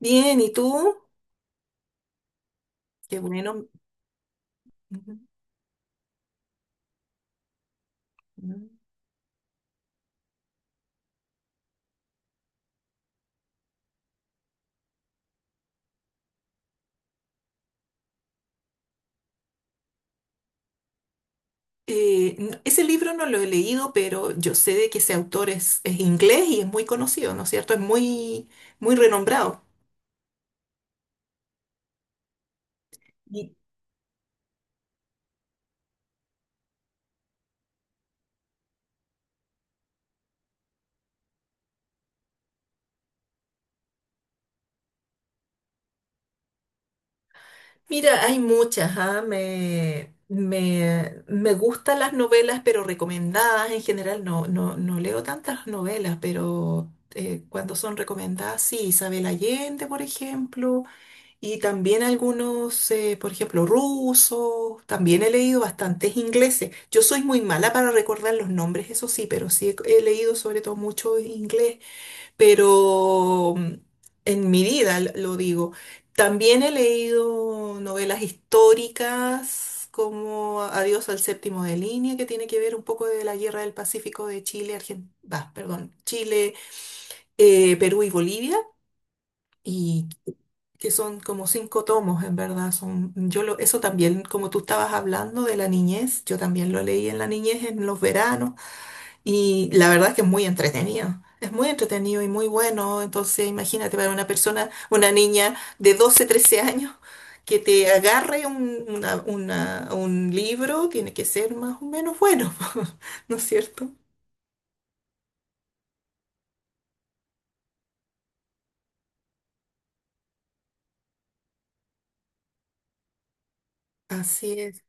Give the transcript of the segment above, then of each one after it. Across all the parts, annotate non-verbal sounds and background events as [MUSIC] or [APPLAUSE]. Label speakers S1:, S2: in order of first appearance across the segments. S1: Bien, ¿y tú? Qué bueno. Ujú. Ese libro no lo he leído, pero yo sé de que ese autor es inglés y es muy conocido, ¿no es cierto? Es muy, muy renombrado. Y- Mira, hay muchas, me gustan las novelas, pero recomendadas en general. No, no, no leo tantas novelas, pero cuando son recomendadas, sí, Isabel Allende, por ejemplo. Y también algunos, por ejemplo, rusos, también he leído bastantes ingleses. Yo soy muy mala para recordar los nombres, eso sí, pero sí he leído sobre todo mucho inglés, pero en mi vida lo digo. También he leído novelas históricas como Adiós al séptimo de línea, que tiene que ver un poco de la Guerra del Pacífico de Chile, bah, perdón, Chile, Perú y Bolivia. Y que son como cinco tomos, en verdad. Son, eso también, como tú estabas hablando de la niñez, yo también lo leí en la niñez, en los veranos, y la verdad es que es muy entretenido. Es muy entretenido y muy bueno. Entonces, imagínate para una persona, una niña de 12 13 años, que te agarre un libro, tiene que ser más o menos bueno, [LAUGHS] ¿no es cierto? Así es.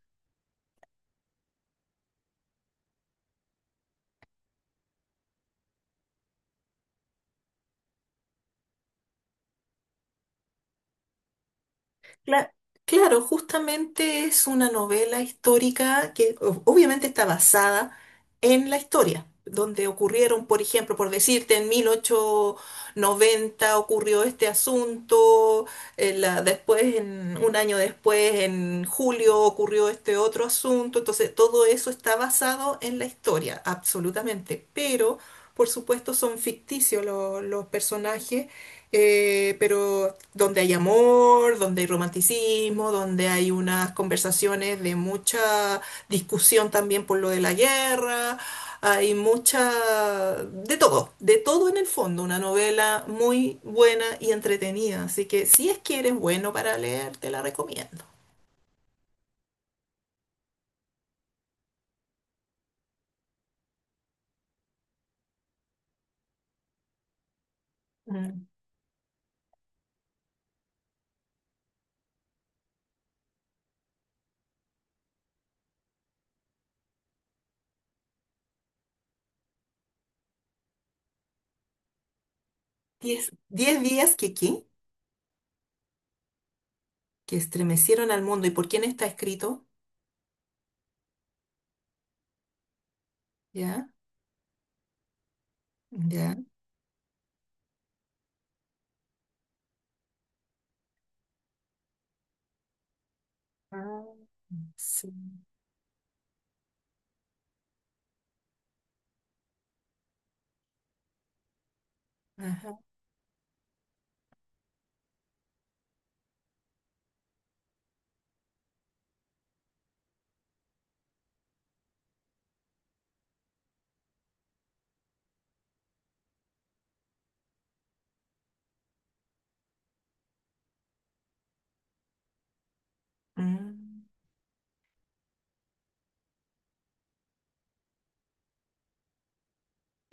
S1: Cla- claro, justamente es una novela histórica que obviamente está basada en la historia, donde ocurrieron, por ejemplo, por decirte, en 1890 ocurrió este asunto, después, un año después, en julio ocurrió este otro asunto, entonces todo eso está basado en la historia, absolutamente, pero por supuesto son ficticios los personajes. Pero donde hay amor, donde hay romanticismo, donde hay unas conversaciones de mucha discusión también por lo de la guerra, hay mucha, de todo en el fondo, una novela muy buena y entretenida, así que si es que eres bueno para leer, te la recomiendo. Mm. 10, 10 días que, ¿qué? Que estremecieron al mundo. ¿Y por quién está escrito? ¿Ya? ¿Ya? Ah, sí. Ajá. Mm.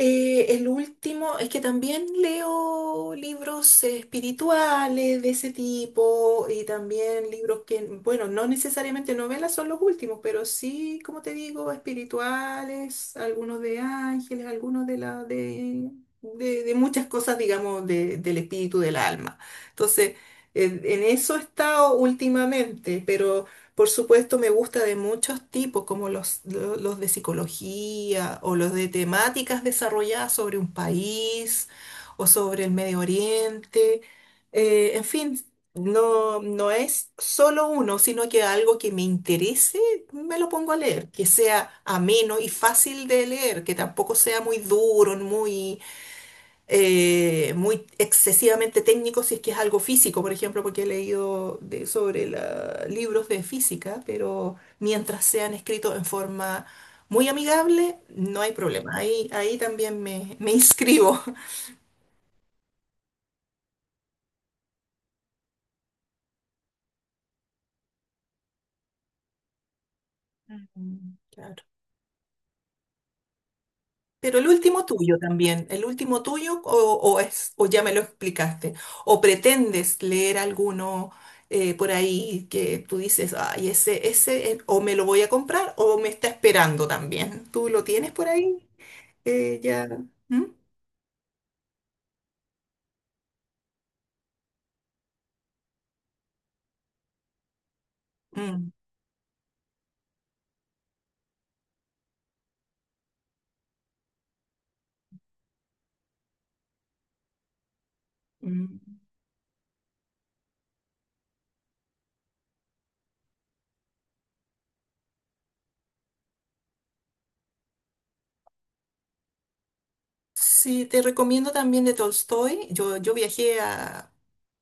S1: El último es que también leo libros espirituales de ese tipo y también libros que, bueno, no necesariamente novelas son los últimos, pero sí, como te digo, espirituales, algunos de ángeles, algunos de muchas cosas, digamos, del espíritu del alma. Entonces, en eso he estado últimamente, pero por supuesto, me gusta de muchos tipos, como los de psicología o los de temáticas desarrolladas sobre un país o sobre el Medio Oriente. En fin, no, no es solo uno, sino que algo que me interese, me lo pongo a leer, que sea ameno y fácil de leer, que tampoco sea muy duro, muy excesivamente técnico si es que es algo físico, por ejemplo, porque he leído sobre libros de física, pero mientras sean escritos en forma muy amigable, no hay problema. Ahí, ahí también me inscribo. [LAUGHS] Mm, claro. Pero el último tuyo también, el último tuyo o ya me lo explicaste, o pretendes leer alguno por ahí que tú dices, ay, ese, o me lo voy a comprar o me está esperando también. ¿Tú lo tienes por ahí? Ya. ¿Mm? Mm, mm. Sí, te recomiendo también de Tolstoy. Yo viajé a,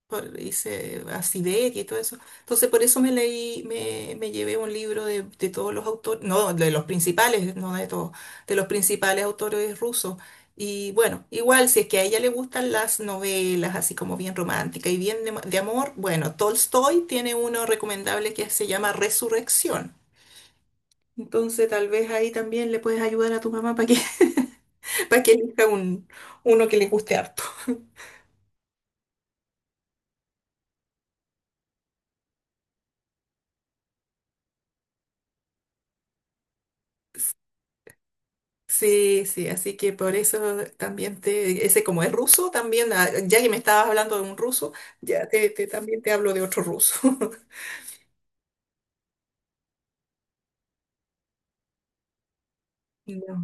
S1: hice a Siberia y todo eso. Entonces, por eso me llevé un libro de, todos los autores, no, de los principales, no de todos, de los principales autores rusos. Y bueno, igual, si es que a ella le gustan las novelas, así como bien romántica y bien de amor, bueno, Tolstoy tiene uno recomendable que se llama Resurrección. Entonces, tal vez ahí también le puedes ayudar a tu mamá para que, [LAUGHS] para que elija un, uno que le guste harto. Sí, sí, así que por eso también te, ese como es ruso, también, ah, ya que me estabas hablando de un ruso, ya también te hablo de otro ruso. [LAUGHS] No.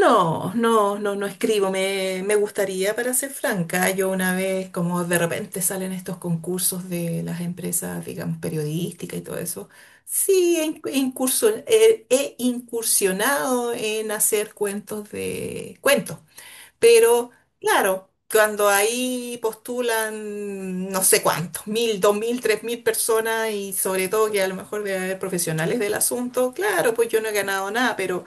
S1: No, no, no, no escribo, me gustaría, para ser franca, yo una vez, como de repente salen estos concursos de las empresas, digamos, periodísticas y todo eso, sí, he incursionado en hacer cuentos de cuentos. Pero claro, cuando ahí postulan no sé cuántos, 1000, 2000, 3000 personas y sobre todo que a lo mejor debe haber profesionales del asunto, claro, pues yo no he ganado nada, pero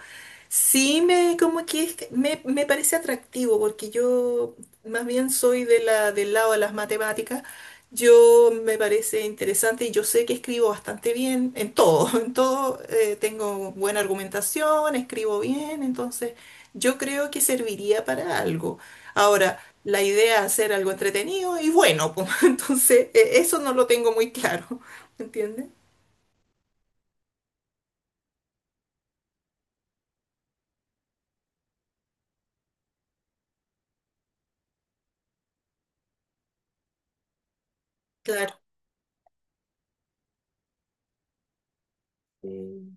S1: sí me como que que me parece atractivo porque yo más bien soy de del lado de las matemáticas yo me parece interesante y yo sé que escribo bastante bien en todo, [LAUGHS] en todo tengo buena argumentación, escribo bien, entonces yo creo que serviría para algo. Ahora, la idea es hacer algo entretenido y bueno, pues, [LAUGHS] entonces eso no lo tengo muy claro, [LAUGHS] ¿me entiendes? Claro. Mm.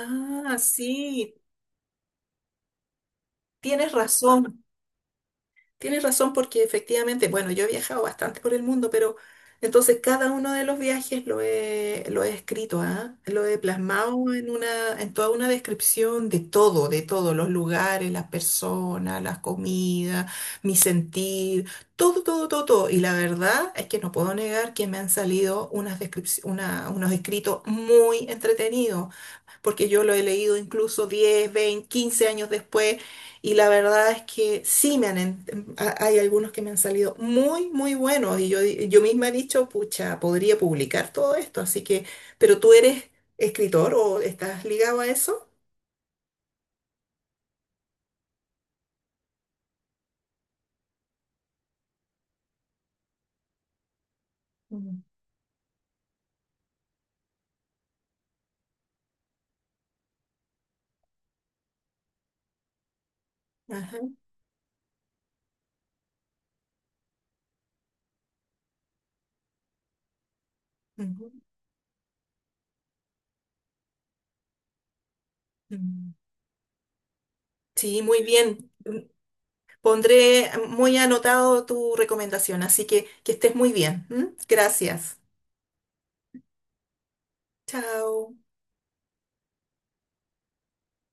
S1: Ah, sí, tienes razón. Tienes razón porque efectivamente, bueno, yo he viajado bastante por el mundo, pero entonces cada uno de los viajes lo he escrito, ¿ah? Lo he plasmado en toda una descripción de todo, de todos los lugares, las personas, las comidas, mi sentir, todo, todo, todo, todo. Y la verdad es que no puedo negar que me han salido unas unos escritos muy entretenidos porque yo lo he leído incluso 10 20 15 años después, y la verdad es que sí me han, en- ha- hay algunos que me han salido muy, muy buenos, y yo misma he dicho, pucha, podría publicar todo esto, así que, pero tú eres escritor o estás ligado a eso. Mm. Ajá, ujú, mm. Sí, muy bien. Pondré muy anotado tu recomendación, así que estés muy bien. ¿M? Gracias. Chao.